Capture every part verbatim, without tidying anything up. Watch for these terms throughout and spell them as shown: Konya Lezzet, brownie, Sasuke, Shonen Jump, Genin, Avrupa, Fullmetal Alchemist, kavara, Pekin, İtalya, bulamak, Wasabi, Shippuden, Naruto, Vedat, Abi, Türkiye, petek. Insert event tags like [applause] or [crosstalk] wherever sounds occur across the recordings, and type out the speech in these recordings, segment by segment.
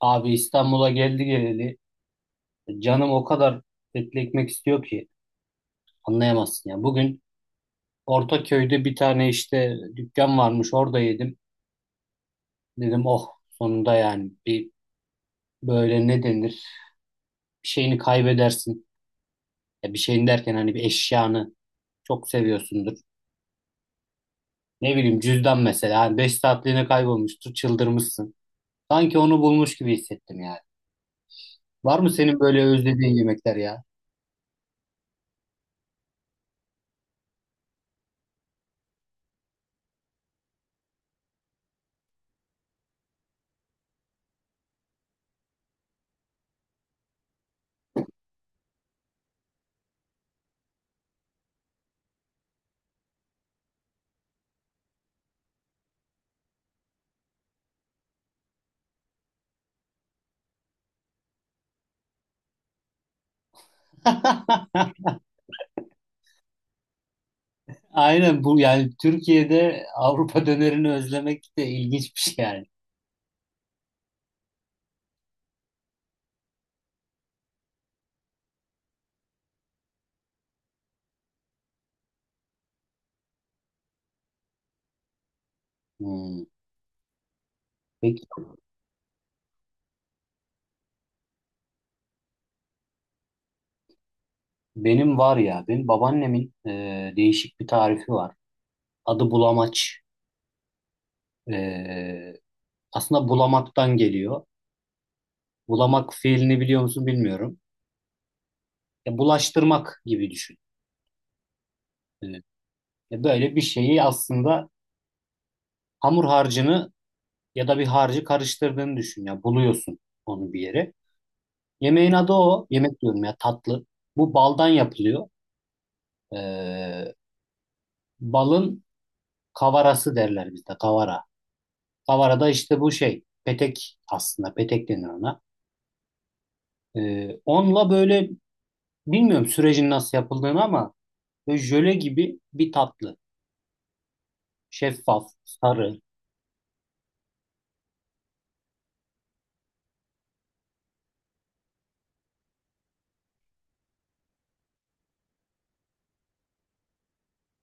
Abi İstanbul'a geldi geleli canım o kadar etli ekmek istiyor ki anlayamazsın ya. Bugün Ortaköy'de bir tane işte dükkan varmış orada yedim. Dedim oh sonunda yani bir böyle ne denir bir şeyini kaybedersin. Ya bir şeyini derken hani bir eşyanı çok seviyorsundur. Ne bileyim cüzdan mesela hani beş saatliğine kaybolmuştur çıldırmışsın. Sanki onu bulmuş gibi hissettim yani. Var mı senin böyle özlediğin yemekler ya? [laughs] Aynen bu yani Türkiye'de Avrupa [laughs] dönerini özlemek de ilginç bir şey yani. Hmm. Peki, benim var ya, benim babaannemin e, değişik bir tarifi var. Adı bulamaç. E, aslında bulamaktan geliyor. Bulamak fiilini biliyor musun bilmiyorum. Ya, bulaştırmak gibi düşün. E, ya böyle bir şeyi aslında hamur harcını ya da bir harcı karıştırdığını düşün. Ya buluyorsun onu bir yere. Yemeğin adı o. Yemek diyorum ya, tatlı. Bu baldan yapılıyor. Ee, balın kavarası derler bizde, kavara. Kavara da işte bu şey petek, aslında petek denir ona. Ee, onunla böyle bilmiyorum sürecin nasıl yapıldığını, ama böyle jöle gibi bir tatlı. Şeffaf, sarı.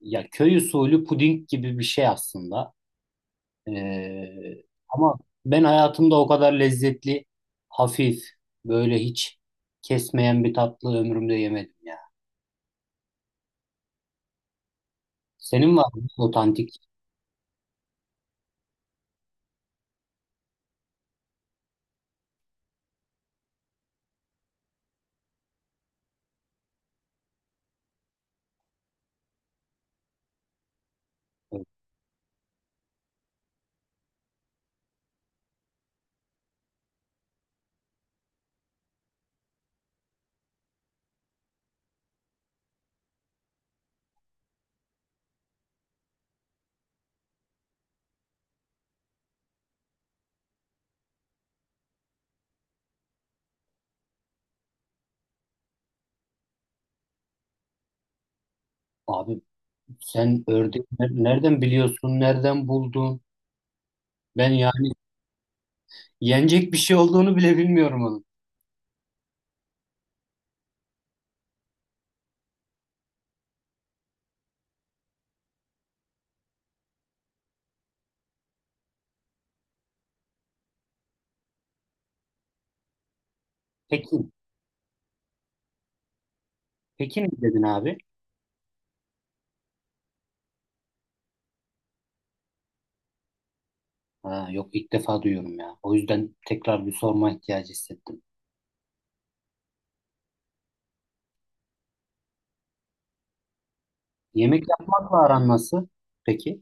Ya köy usulü puding gibi bir şey aslında. Ee, ama ben hayatımda o kadar lezzetli, hafif, böyle hiç kesmeyen bir tatlı ömrümde yemedim ya. Senin var mı otantik? Abi, Sen ördeği ner- nereden biliyorsun? Nereden buldun? Ben yani yenecek bir şey olduğunu bile bilmiyorum onun. Pekin. Pekin mi dedin abi? Ha, yok, ilk defa duyuyorum ya. O yüzden tekrar bir sorma ihtiyacı hissettim. Yemek yapmakla aran nasıl? Peki.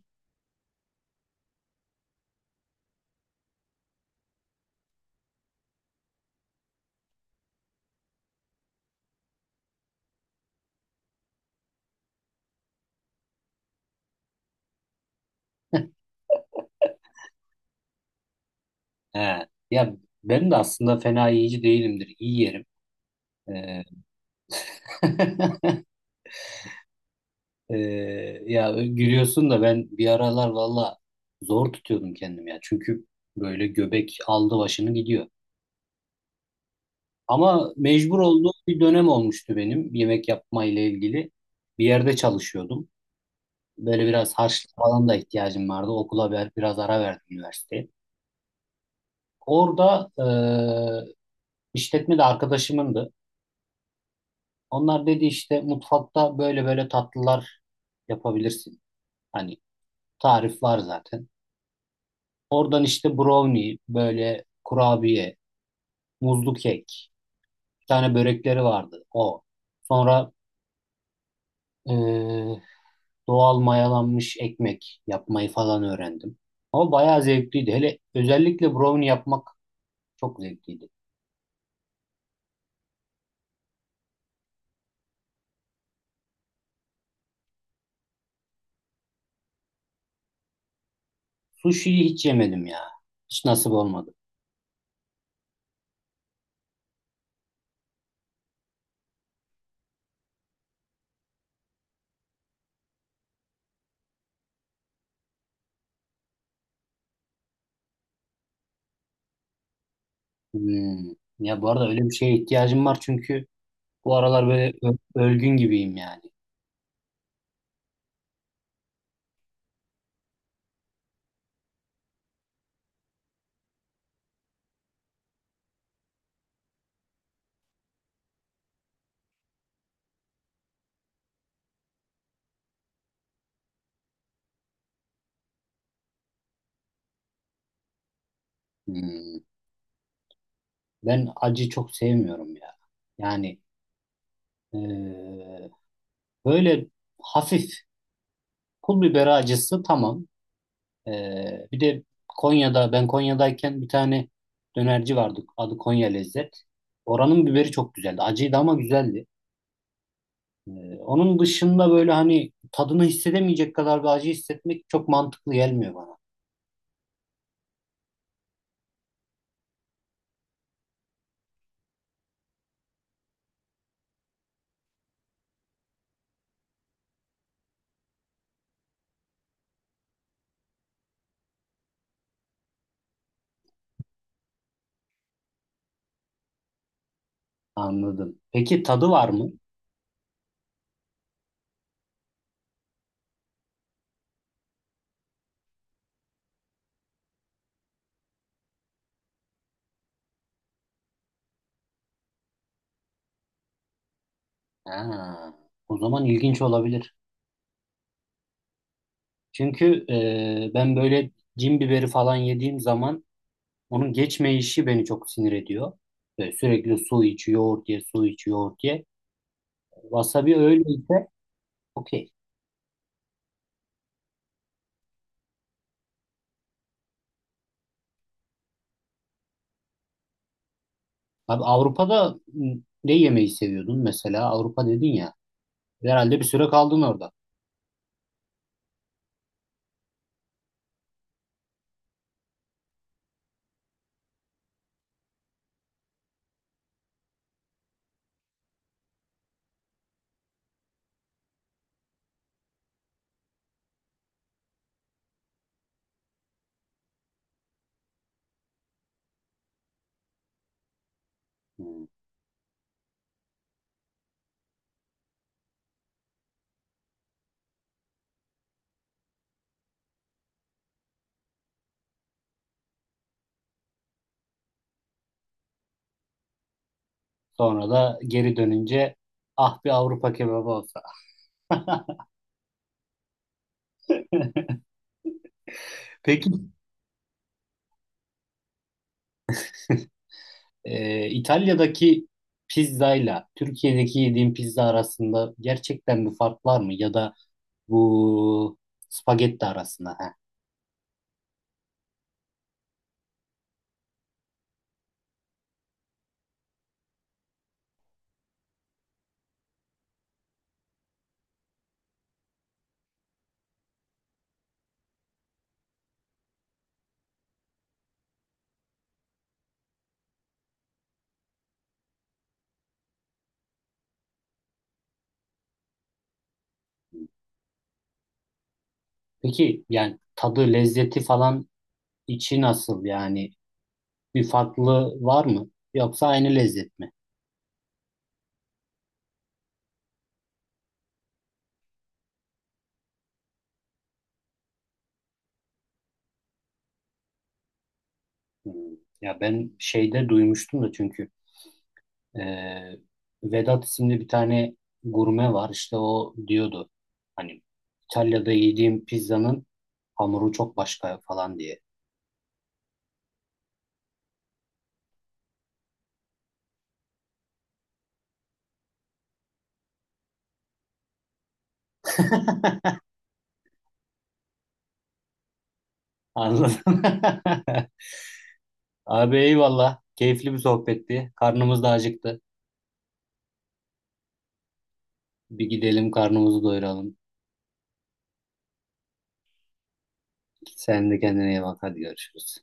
He. Ya ben de aslında fena yiyici değilimdir. İyi yerim. Ee, [laughs] Ee, ya gülüyorsun da ben bir aralar valla zor tutuyordum kendim ya. Çünkü böyle göbek aldı başını gidiyor. Ama mecbur olduğum bir dönem olmuştu benim yemek yapma ile ilgili. Bir yerde çalışıyordum. Böyle biraz harçlık falan da ihtiyacım vardı. Okula bir- biraz ara verdim üniversiteye. Orada eee işletme de arkadaşımındı. Onlar dedi işte mutfakta böyle böyle tatlılar yapabilirsin. Hani tarif var zaten. Oradan işte brownie, böyle kurabiye, muzlu kek, bir tane börekleri vardı o. Sonra doğal mayalanmış ekmek yapmayı falan öğrendim. Ama bayağı zevkliydi. Hele özellikle brownie yapmak çok zevkliydi. Sushi'yi hiç yemedim ya. Hiç nasip olmadı. Hmm. Ya bu arada öyle bir şeye ihtiyacım var, çünkü bu aralar böyle ö- ölgün gibiyim yani. Hmm. Ben acı çok sevmiyorum ya. Yani eee, böyle hafif pul biber acısı tamam. Ee, bir de Konya'da, ben Konya'dayken bir tane dönerci vardı. Adı Konya Lezzet. Oranın biberi çok güzeldi. Acıydı ama güzeldi. Ee, onun dışında böyle hani tadını hissedemeyecek kadar bir acı hissetmek çok mantıklı gelmiyor bana. Anladım. Peki tadı var mı? Ha, o zaman ilginç olabilir. Çünkü e, ben böyle cin biberi falan yediğim zaman onun geçmeyişi beni çok sinir ediyor. Böyle sürekli su iç, yoğurt ye, su iç, yoğurt ye. Wasabi öyleyse okey. Abi, Avrupa'da ne yemeği seviyordun mesela? Avrupa dedin ya. Herhalde bir süre kaldın orada. Hmm. Sonra da geri dönünce, ah bir Avrupa kebabı olsa. [laughs] Peki e, İtalya'daki pizzayla Türkiye'deki yediğin pizza arasında gerçekten bir fark var mı? Ya da bu spagetti arasında. He. Peki yani tadı, lezzeti falan, içi nasıl yani? Bir farklı var mı? Yoksa aynı lezzet mi? Hmm. Ya ben şeyde duymuştum da, çünkü e, Vedat isimli bir tane gurme var, işte o diyordu hani İtalya'da yediğim pizzanın hamuru çok başka falan diye. [laughs] Anladım. [laughs] Abi eyvallah. Keyifli bir sohbetti. Karnımız da acıktı. Bir gidelim karnımızı doyuralım. Sen de kendine iyi bak. Hadi görüşürüz.